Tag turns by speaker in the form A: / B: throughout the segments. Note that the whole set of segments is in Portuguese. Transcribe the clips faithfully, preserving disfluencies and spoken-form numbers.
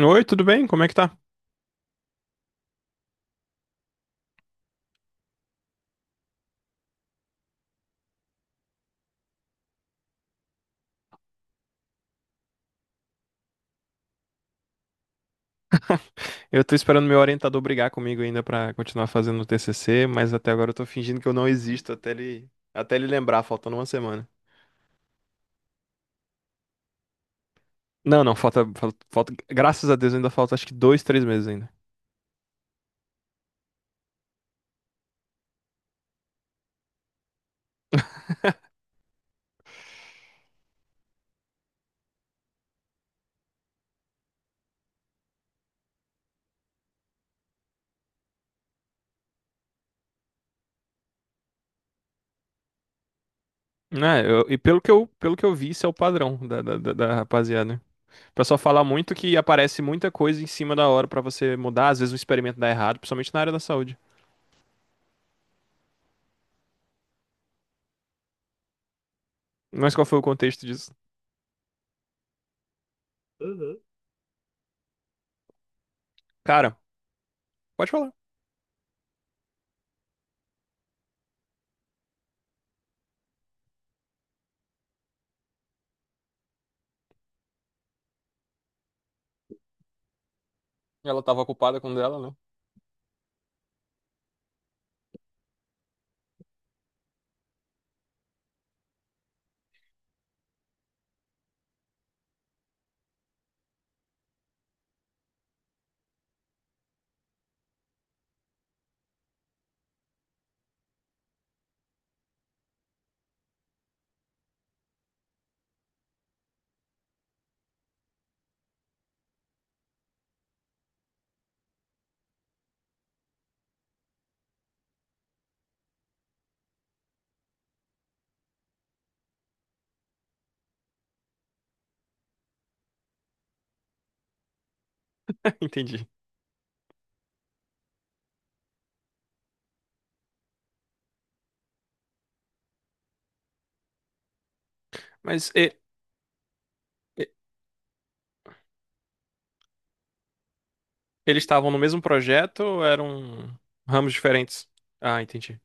A: Oi, tudo bem? Como é que tá? Eu tô esperando meu orientador brigar comigo ainda pra continuar fazendo o T C C, mas até agora eu tô fingindo que eu não existo até ele, até ele lembrar, faltando uma semana. Não, não, falta, falta, falta- graças a Deus ainda falta acho que dois, três meses ainda. Né, eu- e pelo que eu, pelo que eu vi, isso é o padrão da, da, da, da rapaziada. O pessoal fala muito que aparece muita coisa em cima da hora pra você mudar, às vezes o experimento dá errado, principalmente na área da saúde. Mas qual foi o contexto disso? Cara, pode falar. Ela tava ocupada com o dela, né? Entendi. Mas e- e- Eles estavam no mesmo projeto ou eram ramos diferentes? Ah, entendi.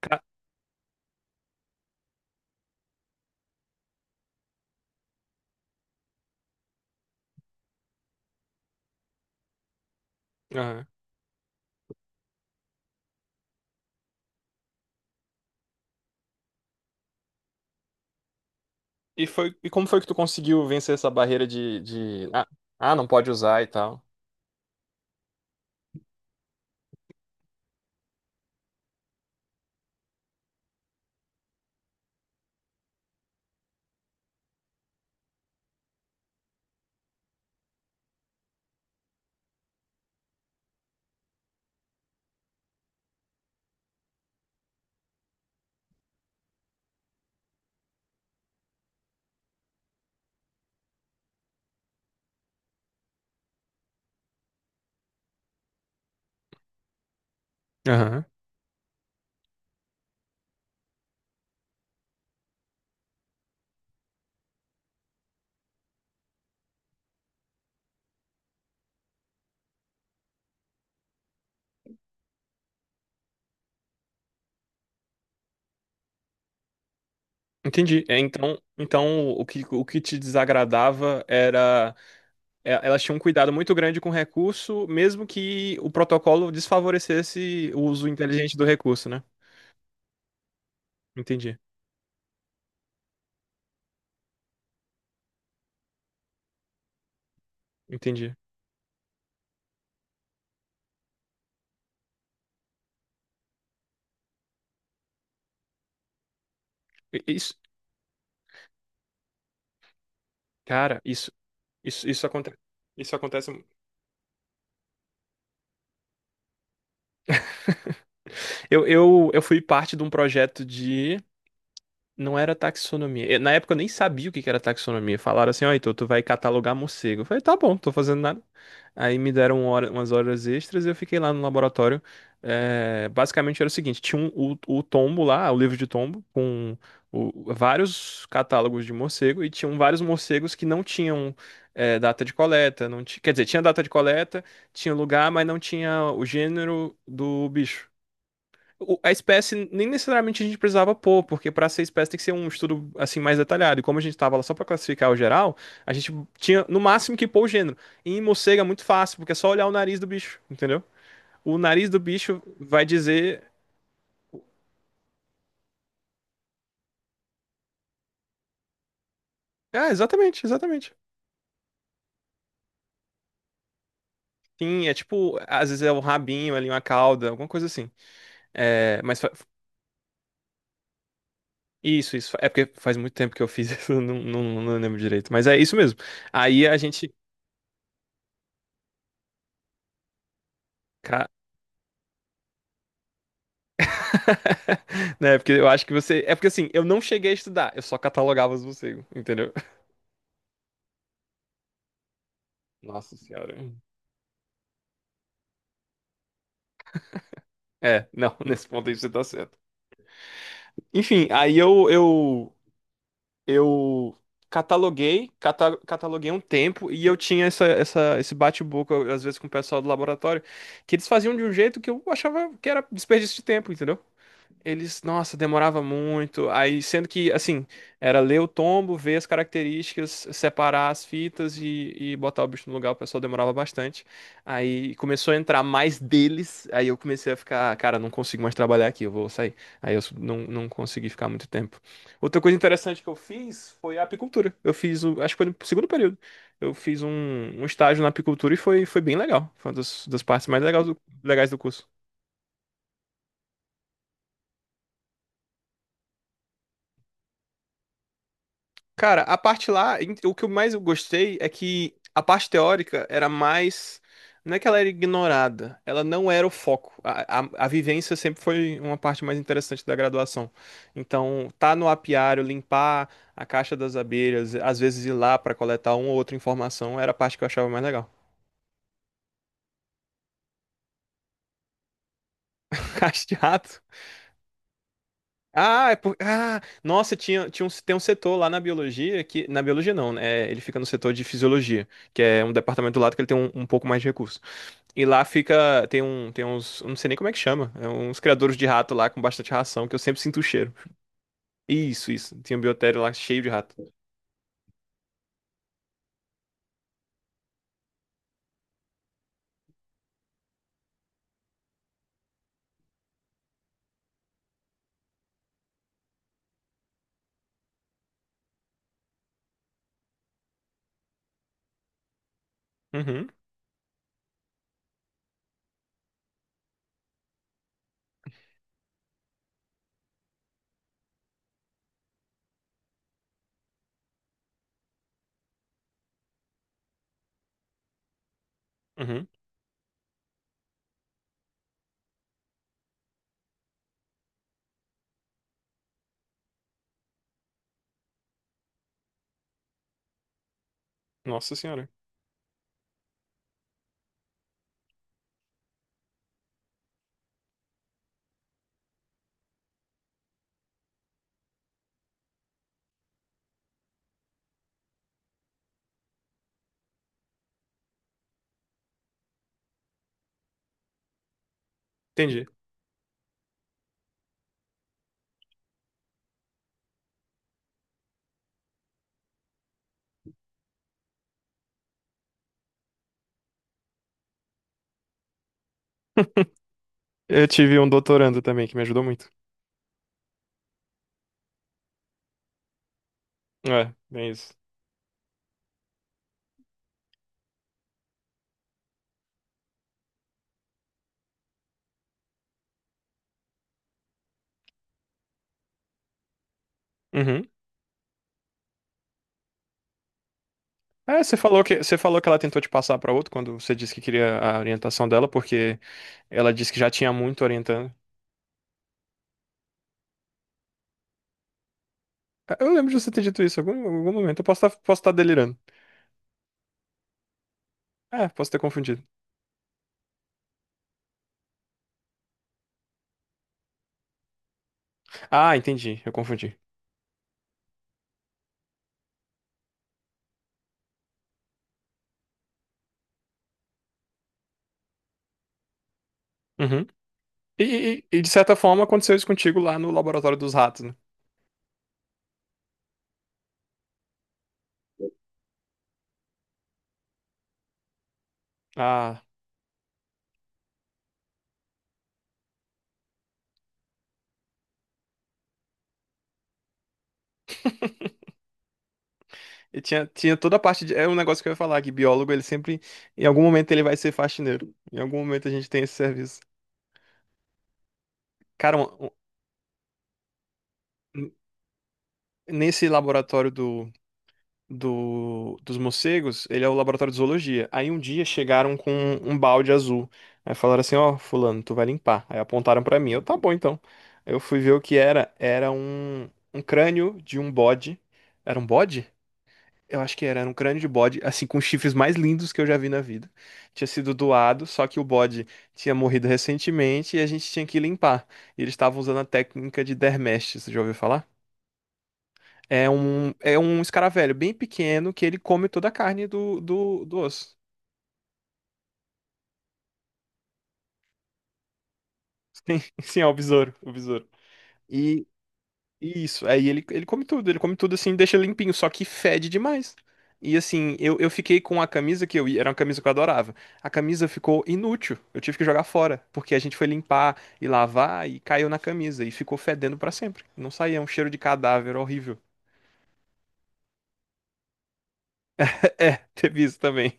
A: Ca- Aham. E foi, e como foi que tu conseguiu vencer essa barreira de, de... Ah, ah, não pode usar e tal? Aham. Entendi. É, então, então o que, o que te desagradava era é, elas tinham um cuidado muito grande com o recurso, mesmo que o protocolo desfavorecesse o uso inteligente do recurso, né? Entendi, entendi. I- Isso, cara, isso, isso, isso acontece. Isso acontece. Eu, eu, eu fui parte de um projeto de Não era taxonomia. Eu- Na época eu nem sabia o que que era taxonomia. Falaram assim, ó, então tu vai catalogar morcego. Eu falei, tá bom, não tô fazendo nada. Aí me deram hora- umas horas extras e eu fiquei lá no laboratório. É, basicamente era o seguinte, tinha um, o, o tombo lá, o livro de tombo, com o- vários catálogos de morcego e tinham vários morcegos que não tinham é, data de coleta. Não ti- quer dizer, tinha data de coleta, tinha lugar, mas não tinha o gênero do bicho o- a espécie nem necessariamente a gente precisava pôr, porque para ser espécie tem que ser um estudo assim mais detalhado. E como a gente estava lá só para classificar o geral, a gente tinha no máximo que pôr o gênero. E em morcego é muito fácil, porque é só olhar o nariz do bicho, entendeu? O nariz do bicho vai dizer. Ah, exatamente, exatamente. Sim, é tipo, às vezes é o rabinho ali, uma cauda, alguma coisa assim. É, mas fa- isso, isso. É porque faz muito tempo que eu fiz isso, não, não, não lembro direito. Mas é isso mesmo. Aí a gente. Né? Porque eu acho que você. É porque assim, eu não cheguei a estudar, eu só catalogava os morcegos, entendeu? Nossa senhora. É, não, nesse ponto aí você tá certo. Enfim, aí eu, eu, eu cataloguei, cata- cataloguei um tempo e eu tinha essa, essa, esse bate-boca, às vezes, com o pessoal do laboratório, que eles faziam de um jeito que eu achava que era desperdício de tempo, entendeu? Eles, nossa, demorava muito. Aí, sendo que, assim, era ler o tombo, ver as características, separar as fitas e, e botar o bicho no lugar, o pessoal demorava bastante. Aí começou a entrar mais deles, aí eu comecei a ficar, cara, não consigo mais trabalhar aqui, eu vou sair. Aí eu não, não consegui ficar muito tempo. Outra coisa interessante que eu fiz foi a apicultura. Eu fiz, o- acho que foi no segundo período. Eu fiz um, um estágio na apicultura e foi, foi bem legal. Foi uma das, das partes mais legais do, legais do curso. Cara, a parte lá, em- o que eu mais gostei é que a parte teórica era mais. Não é que ela era ignorada, ela não era o foco. A, a, a vivência sempre foi uma parte mais interessante da graduação. Então, tá no apiário, limpar a caixa das abelhas, às vezes ir lá pra coletar uma ou outra informação, era a parte que eu achava mais legal. Caixa de rato. Ah, é por... ah, nossa, tinha, tinha um, tem um setor lá na biologia que. Na biologia não, né? Ele fica no setor de fisiologia, que é um departamento do lado que ele tem um um pouco mais de recurso. E lá fica. Tem um. Tem uns. Eu Não sei nem como é que chama. É uns criadores de rato lá com bastante ração, que eu sempre sinto o cheiro. Isso, isso. Tinha um biotério lá cheio de rato. Uhum, uhum. Nossa senhora. Entendi. Eu tive um doutorando também que me ajudou muito. É, bem isso. Uhum. É, você falou que você falou que ela tentou te passar pra outro quando você disse que queria a orientação dela, porque ela disse que já tinha muito orientando. É, eu lembro de você ter dito isso em algum, em algum momento. Eu posso estar posso estar delirando. É, posso ter confundido. Ah, entendi. Eu confundi. Uhum. E, e- e, de certa forma aconteceu isso contigo lá no laboratório dos ratos, né? Ah, e tinha, tinha toda a parte de. É um negócio que eu ia falar, que biólogo, ele sempre. Em algum momento ele vai ser faxineiro. Em algum momento a gente tem esse serviço. Cara, um- um- nesse laboratório do do, dos morcegos, ele é o laboratório de zoologia. Aí um dia chegaram com um balde azul. Aí falaram assim, ó, fulano, tu vai limpar. Aí apontaram pra mim. Eu, tá bom, então. Aí eu fui ver o que era. Era um, um crânio de um bode. Era um bode? Eu acho que era, era um crânio de bode, assim, com os chifres mais lindos que eu já vi na vida. Tinha sido doado, só que o bode tinha morrido recentemente e a gente tinha que limpar. E eles estavam usando a técnica de dermestes, você já ouviu falar? É um, é um escaravelho bem pequeno que ele come toda a carne do, do, do osso. Sim, é o besouro, o besouro. E, e isso, aí ele, ele come tudo, ele come tudo assim, deixa limpinho, só que fede demais. E assim, eu, eu fiquei com a camisa que eu ia, era uma camisa que eu adorava. A camisa ficou inútil, eu tive que jogar fora, porque a gente foi limpar e lavar e caiu na camisa e ficou fedendo pra sempre. Não saía, é um cheiro de cadáver horrível. É, teve isso também.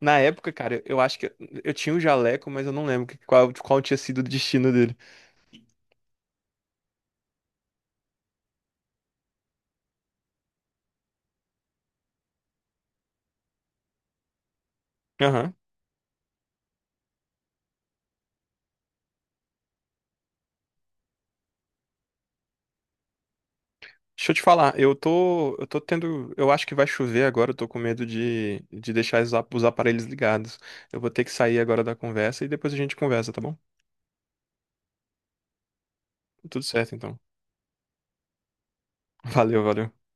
A: Na época, cara, eu acho que eu, eu tinha o jaleco, mas eu não lembro que- qual, qual tinha sido o destino dele. Aham. Deixa eu te falar, eu tô, eu tô tendo, eu acho que vai chover agora, eu tô com medo de, de deixar os ap- os aparelhos ligados. Eu vou ter que sair agora da conversa e depois a gente conversa, tá bom? Tudo certo, então. Valeu, valeu.